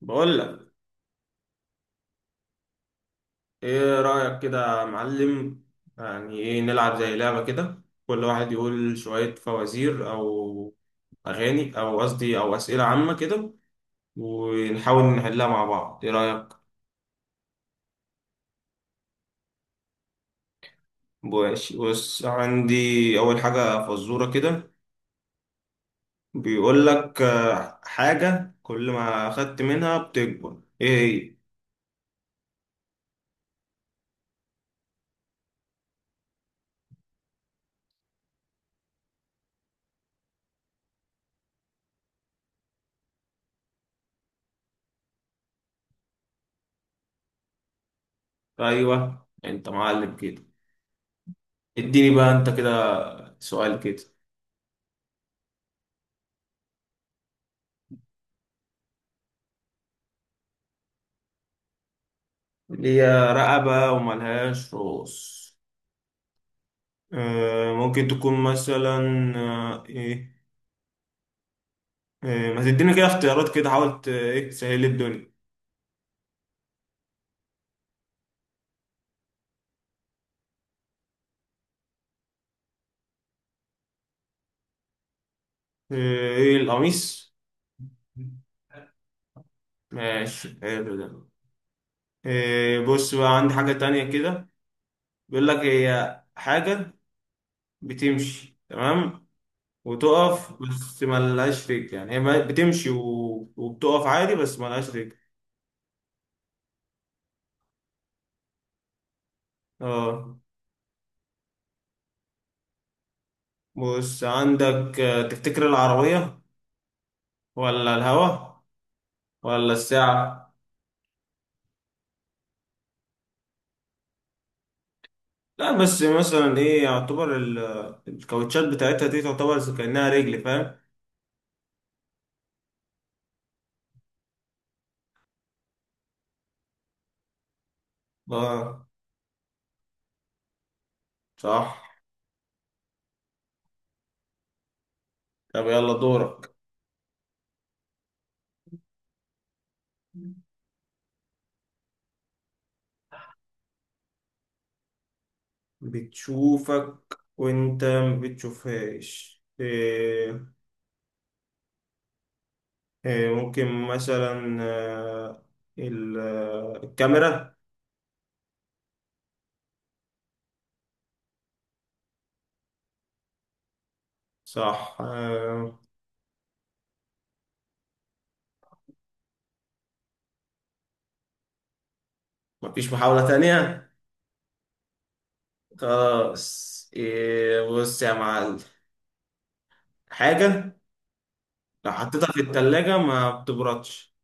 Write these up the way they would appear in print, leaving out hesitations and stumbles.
بقول لك. ايه رأيك كده يا معلم؟ يعني ايه نلعب زي لعبة كده، كل واحد يقول شوية فوازير او اغاني او قصدي او أسئلة عامة كده، ونحاول نحلها مع بعض. ايه رأيك؟ ماشي، بص عندي اول حاجة فزورة كده. بيقول لك حاجة كل ما اخدت منها بتكبر، ايه؟ هي ايوه، انت معلم كده. اديني بقى انت كده سؤال كده. اللي هي رقبة وملهاش رؤوس. ممكن تكون مثلا ايه. ما تدينا كده اختيارات كده، حاولت ايه تسهل لي الدنيا. آه، ايه القميص؟ ماشي حلو ده. بص بقى عندي حاجة تانية كده. بيقول لك هي حاجة بتمشي تمام وتقف، بس ملهاش رجل. يعني هي بتمشي وبتقف عادي، بس ملهاش رجل. اه. بص عندك تفتكر العربية ولا الهوا ولا الساعة؟ لا بس مثلا ايه، يعتبر الكاوتشات بتاعتها دي تعتبر زي كأنها رجل، فاهم؟ اه. صح. طب يلا دورك. بتشوفك وانت ما بتشوفهاش، إيه؟ إيه ممكن مثلا الكاميرا. صح. مفيش محاولة تانية؟ خلاص، إيه، بص يا معلم، حاجة لو حطيتها في التلاجة ما بتبردش.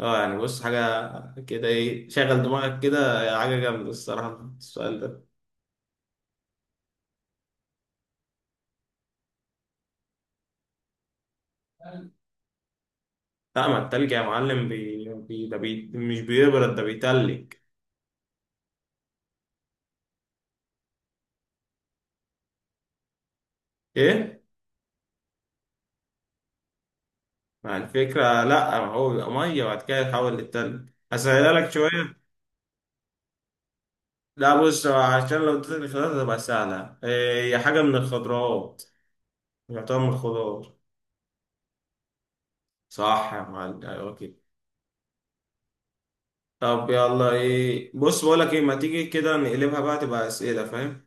اه يعني بص حاجة كده، ايه، شغل دماغك كده. حاجة جامدة الصراحة السؤال ده. لا، ما التلج يا معلم، ده مش بيبرد ده بيتلج. ايه؟ مع الفكرة لا، ما هو بيبقى مية وبعد كده يتحول للتلج. هسهلها لك شوية. لا بص، عشان لو اديتك الاختيارات هتبقى سهلة. هي حاجة من الخضروات، يعتبر من الخضار. صح يا معلم، ايوه كده. طب يلا ايه، بص بقول لك ايه، ما تيجي كده نقلبها بقى تبقى اسئلة، فاهم؟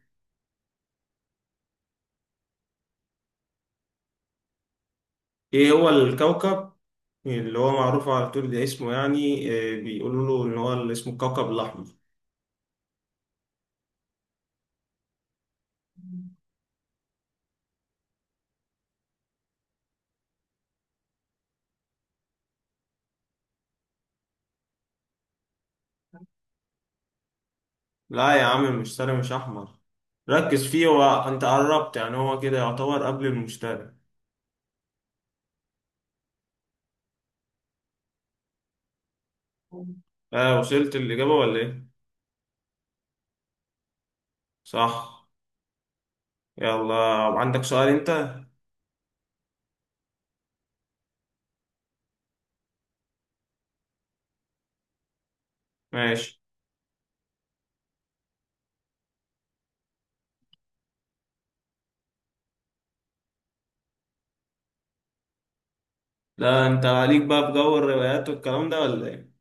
ايه هو الكوكب اللي هو معروف على طول ده، اسمه يعني بيقولوا له ان هو اللي اسمه الكوكب الاحمر. لا يا عم، المشتري مش احمر. ركز فيه، هو انت قربت يعني، هو كده يعتبر قبل المشتري. اه، وصلت الاجابه ولا ايه؟ صح. يلا، عندك سؤال انت؟ ماشي. لا انت عليك بقى بجو الروايات والكلام ده، ولا ايه؟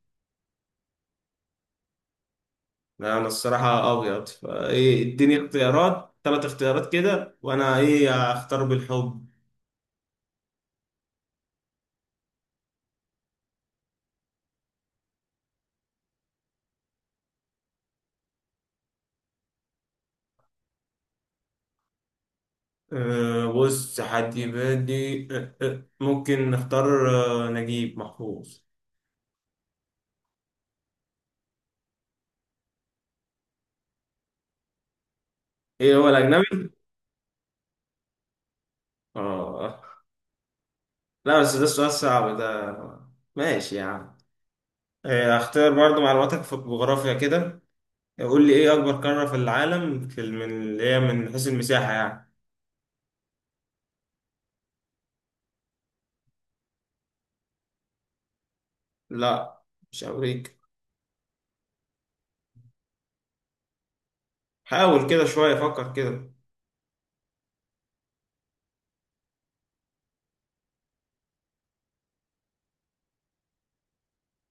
لا انا الصراحه ابيض فايه، اديني اختيارات، ثلاث اختيارات كده، وانا ايه اختار بالحب. أه بص، حد يبادي. أه ممكن نختار أه نجيب محفوظ. ايه هو الأجنبي؟ اه. لا بس ده السؤال صعب ده، ماشي يعني. أه اختار برضو معلوماتك في الجغرافيا كده، قول لي ايه أكبر قارة في العالم في من اللي هي من حيث المساحة يعني. لا مش أمريكا. حاول كده شوية، فكر كده.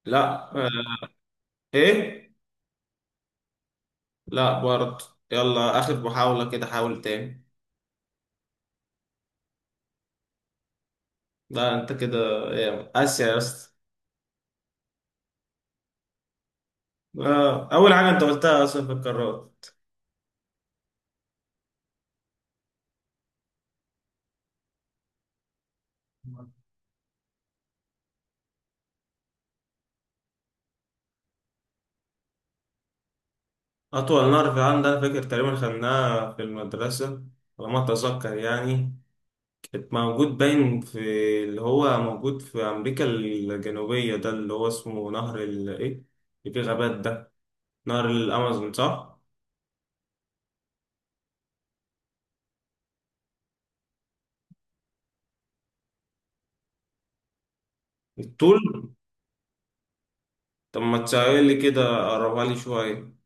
لا أه. ايه؟ لا برضو. يلا آخر محاولة كده، حاول تاني. لا انت كده، إيه، آسيا يا اسطى. أول حاجة أنت قلتها أصلا في القارات. أطول نهر في العالم ده، أنا فاكر تقريبا خدناها في المدرسة، على ما أتذكر يعني. كانت موجود باين في، اللي هو موجود في أمريكا الجنوبية ده، اللي هو اسمه نهر ال إيه اللي فيه غابات ده، نهر الأمازون، صح؟ الطول. طب ما تسأل لي كده، قربها لي شوية.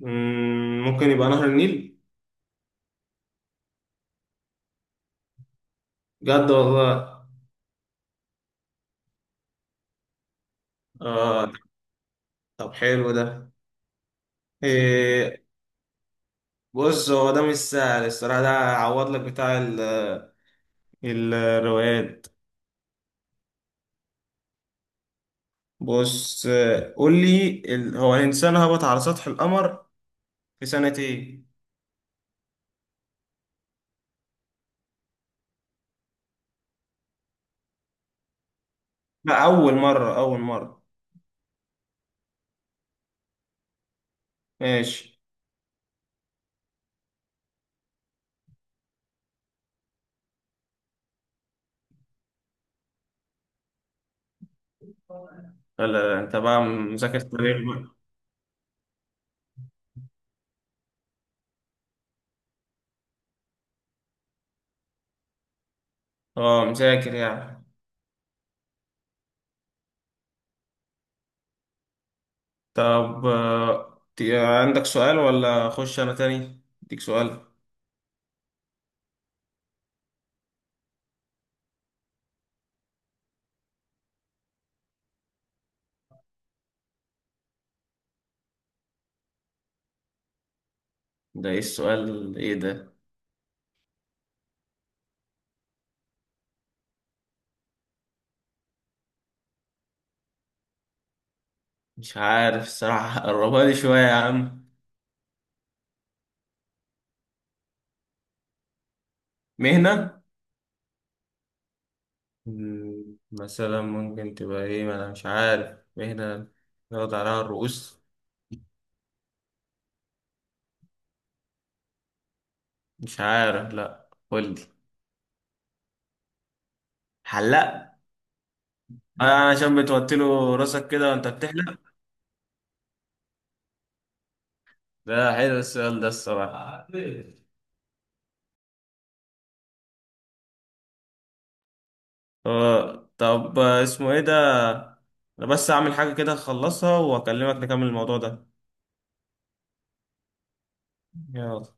مم، ممكن يبقى نهر النيل؟ بجد والله. آه. طب حلو ده، إيه. بص، هو ده مش سهل الصراحة ده، عوض لك بتاع الروايات. بص، قول لي، هو الإنسان هبط على سطح القمر في سنة إيه؟ لا، أول مرة، أول مرة. ماشي. لا لا، أنت بقى مذاكر تاريخ بقى. أه مذاكر يعني. طب عندك سؤال ولا أخش أنا تاني؟ أديك سؤال. ده إيه السؤال، إيه ده؟ مش عارف الصراحة قربها لي شوية يا عم. مهنة. مم، مثلا ممكن تبقى ايه، ما انا مش عارف مهنة يقعد عليها الرؤوس. مش عارف، لا قول لي. حلاق. عشان بتوطي له راسك كده وانت بتحلق. ده حلو السؤال ده الصراحة. اه طب، اسمه ايه ده، انا بس اعمل حاجة كده اخلصها واكلمك نكمل الموضوع ده. يلا.